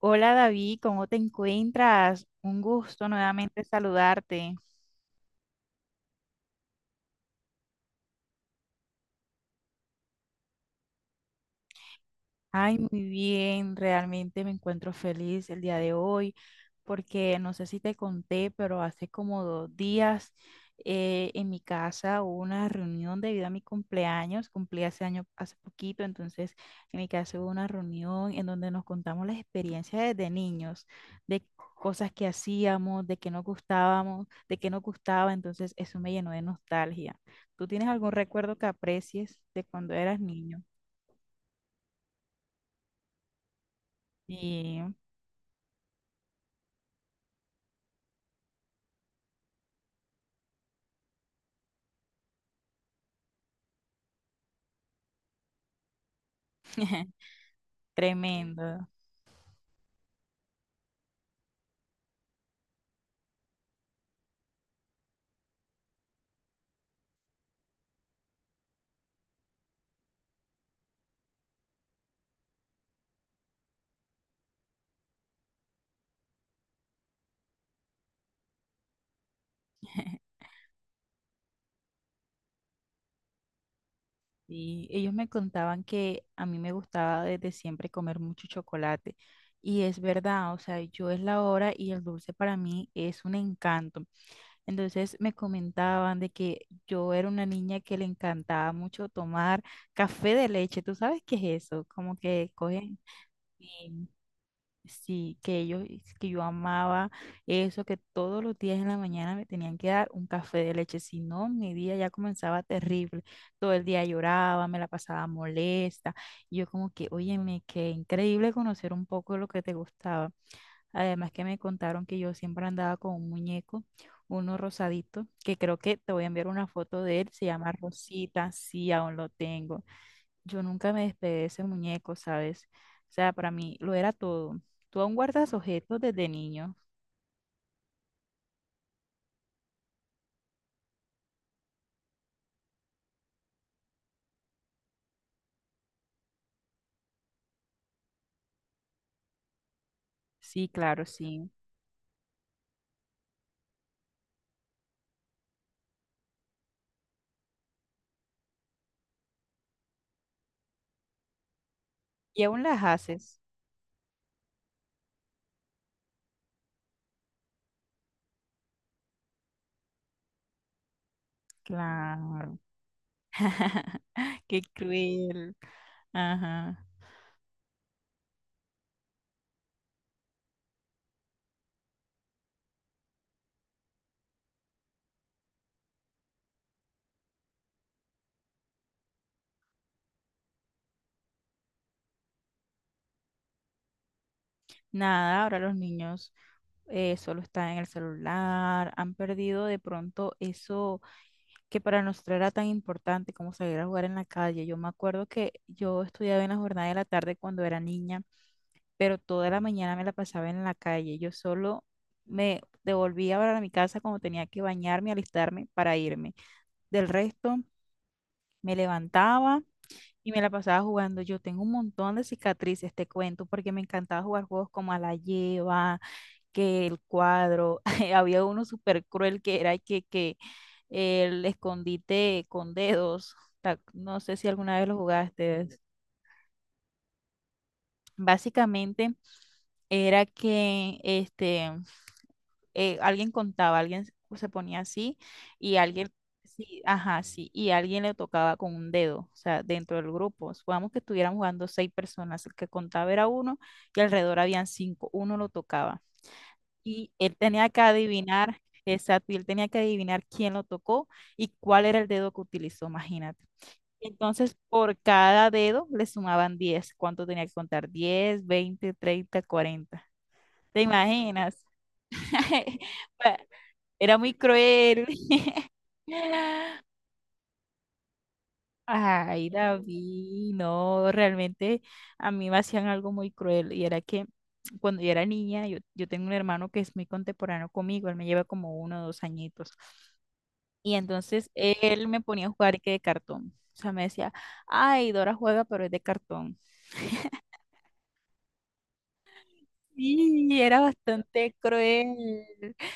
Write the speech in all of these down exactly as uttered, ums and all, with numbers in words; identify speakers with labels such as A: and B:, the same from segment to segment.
A: Hola David, ¿cómo te encuentras? Un gusto nuevamente saludarte. Ay, muy bien, realmente me encuentro feliz el día de hoy porque no sé si te conté, pero hace como dos días eh, en mi casa hubo una reunión debido a mi cumpleaños, cumplí hace año, hace poquito, entonces en mi casa hubo una reunión en donde nos contamos las experiencias desde niños, de cosas que hacíamos, de que nos gustábamos, de que nos gustaba, entonces eso me llenó de nostalgia. ¿Tú tienes algún recuerdo que aprecies de cuando eras niño? Sí. Tremendo. Y ellos me contaban que a mí me gustaba desde siempre comer mucho chocolate. Y es verdad, o sea, yo es la hora y el dulce para mí es un encanto. Entonces me comentaban de que yo era una niña que le encantaba mucho tomar café de leche. ¿Tú sabes qué es eso? Como que cogen... Sí. Sí, que ellos, que yo amaba eso, que todos los días en la mañana me tenían que dar un café de leche, si no, mi día ya comenzaba terrible, todo el día lloraba, me la pasaba molesta, y yo como que, óyeme, qué increíble conocer un poco de lo que te gustaba, además que me contaron que yo siempre andaba con un muñeco, uno rosadito, que creo que te voy a enviar una foto de él, se llama Rosita, sí, aún lo tengo, yo nunca me despegué de ese muñeco, ¿sabes? O sea, para mí lo era todo. ¿Tú aún guardas objetos desde niño? Sí, claro, sí. ¿Y aún las haces? Claro. Qué cruel. Ajá. Nada, ahora los niños eh, solo están en el celular, han perdido de pronto eso que para nosotros era tan importante como salir a jugar en la calle. Yo me acuerdo que yo estudiaba en la jornada de la tarde cuando era niña, pero toda la mañana me la pasaba en la calle. Yo solo me devolvía para mi casa cuando tenía que bañarme, alistarme para irme. Del resto, me levantaba y me la pasaba jugando. Yo tengo un montón de cicatrices, te cuento, porque me encantaba jugar juegos como a la lleva, que el cuadro. Había uno súper cruel que era que, que el escondite con dedos. Ta- No sé si alguna vez lo jugaste. Básicamente era que este eh, alguien contaba, alguien se ponía así y alguien, sí, ajá, sí, y alguien le tocaba con un dedo, o sea, dentro del grupo. Supongamos que estuvieran jugando seis personas, el que contaba era uno y alrededor habían cinco, uno lo tocaba. Y él tenía que adivinar, exacto, y él tenía que adivinar quién lo tocó y cuál era el dedo que utilizó, imagínate. Entonces, por cada dedo le sumaban diez. ¿Cuánto tenía que contar? Diez, veinte, treinta, cuarenta. ¿Te imaginas? Era muy cruel. Ay, David, no, realmente a mí me hacían algo muy cruel y era que cuando yo era niña, yo, yo tengo un hermano que es muy contemporáneo conmigo, él me lleva como uno o dos añitos. Y entonces él me ponía a jugar que de cartón. O sea, me decía, ay, Dora juega, pero es de cartón. Sí, era bastante cruel.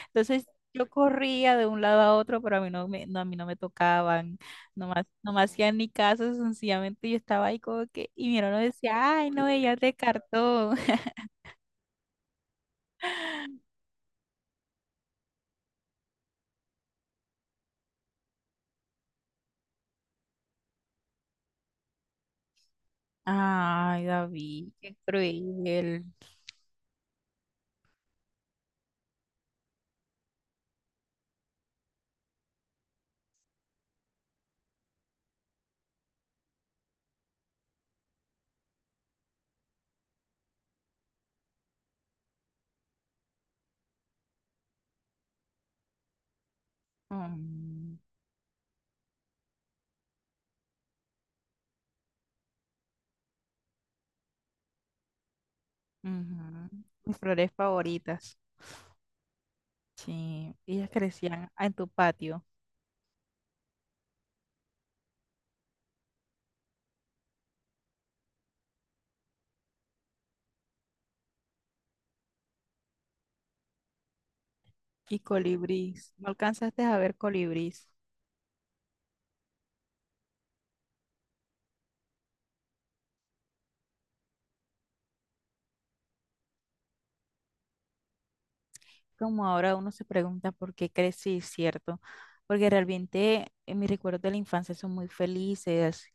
A: Entonces yo corría de un lado a otro, pero a mí no me, no, a mí no me tocaban, no me, ha- no me hacían ni caso, sencillamente yo estaba ahí como que, y mi hermano decía, ay, no, ella te cartó. Ay, David, qué cruel. Mm, ujú. Mis flores favoritas. Sí, ellas crecían en tu patio. Y colibrís. ¿No alcanzaste a ver colibrís? Como ahora uno se pregunta por qué crecí, ¿cierto? Porque realmente eh, mis recuerdos de la infancia son muy felices.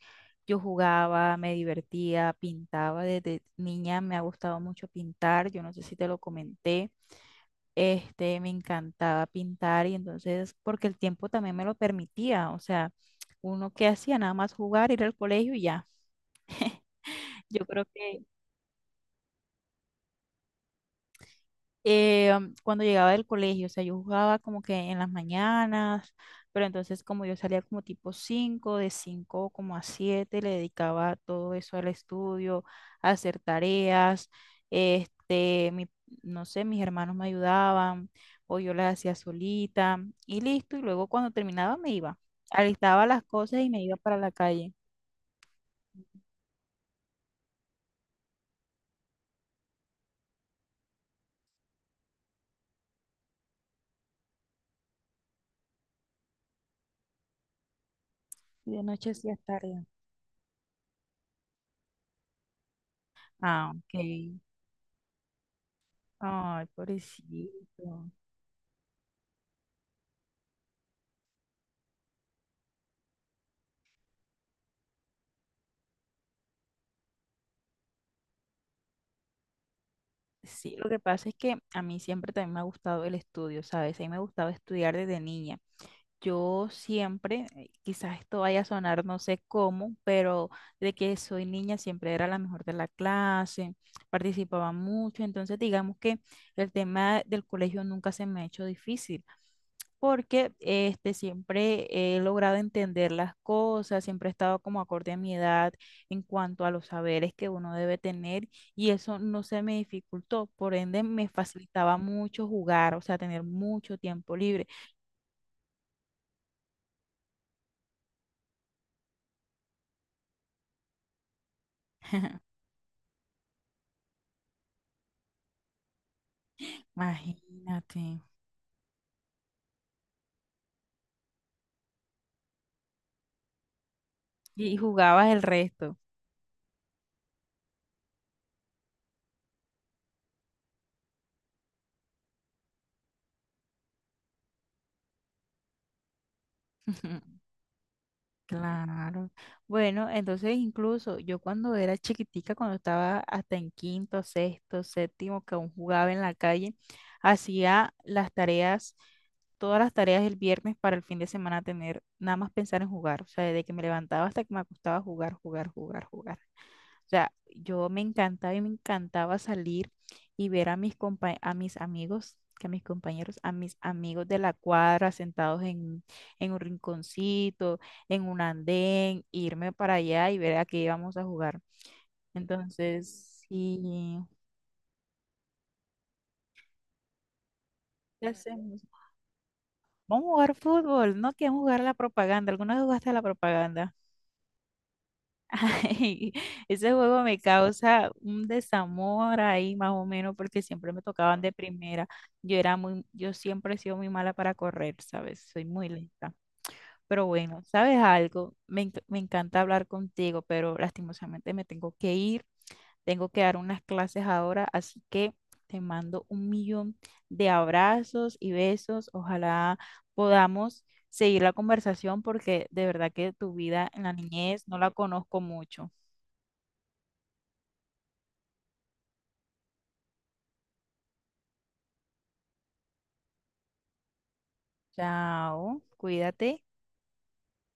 A: Yo jugaba, me divertía, pintaba. Desde niña me ha gustado mucho pintar. Yo no sé si te lo comenté. Este, me encantaba pintar y entonces, porque el tiempo también me lo permitía. O sea, uno que hacía nada más jugar, ir al colegio y ya. Yo creo que eh, um, cuando llegaba del colegio, o sea, yo jugaba como que en las mañanas, pero entonces como yo salía como tipo cinco, de cinco como a siete le dedicaba todo eso al estudio, a hacer tareas, este, mi- no sé, mis hermanos me ayudaban o yo las hacía solita y listo, y luego cuando terminaba me iba, alistaba las cosas y me iba para la calle. Y de noche hacía tarea. Ah, ok. Ay, pobrecito. Sí, lo que pasa es que a mí siempre también me ha gustado el estudio, ¿sabes? A mí me gustaba estudiar desde niña. Yo siempre, eh, quizás esto vaya a sonar no sé cómo, pero de que soy niña siempre era la mejor de la clase, participaba mucho, entonces digamos que el tema del colegio nunca se me ha hecho difícil porque este, siempre he logrado entender las cosas, siempre he estado como acorde a mi edad en cuanto a los saberes que uno debe tener y eso no se me dificultó, por ende me facilitaba mucho jugar, o sea, tener mucho tiempo libre. Imagínate. Y y jugabas el resto. Claro. Bueno, entonces incluso yo cuando era chiquitica, cuando estaba hasta en quinto, sexto, séptimo, que aún jugaba en la calle, hacía las tareas, todas las tareas el viernes para el fin de semana tener, nada más pensar en jugar, o sea, desde que me levantaba hasta que me acostaba jugar, jugar, jugar, jugar. O sea, yo me encantaba y me encantaba salir y ver a mis compa- a mis amigos, que a mis compañeros, a mis amigos de la cuadra sentados en, en un rinconcito, en un andén, irme para allá y ver a qué íbamos a jugar. Entonces, sí, ¿qué hacemos? Vamos a jugar fútbol, no queremos jugar a la propaganda. ¿Alguna vez jugaste a la propaganda? Ese juego me causa un desamor ahí más o menos porque siempre me tocaban de primera. Yo era muy, yo siempre he sido muy mala para correr, ¿sabes? Soy muy lenta. Pero bueno, ¿sabes algo? Me, enc- me encanta hablar contigo, pero lastimosamente me tengo que ir. Tengo que dar unas clases ahora, así que te mando un millón de abrazos y besos. Ojalá podamos seguir la conversación porque de verdad que tu vida en la niñez no la conozco mucho. Chao, cuídate.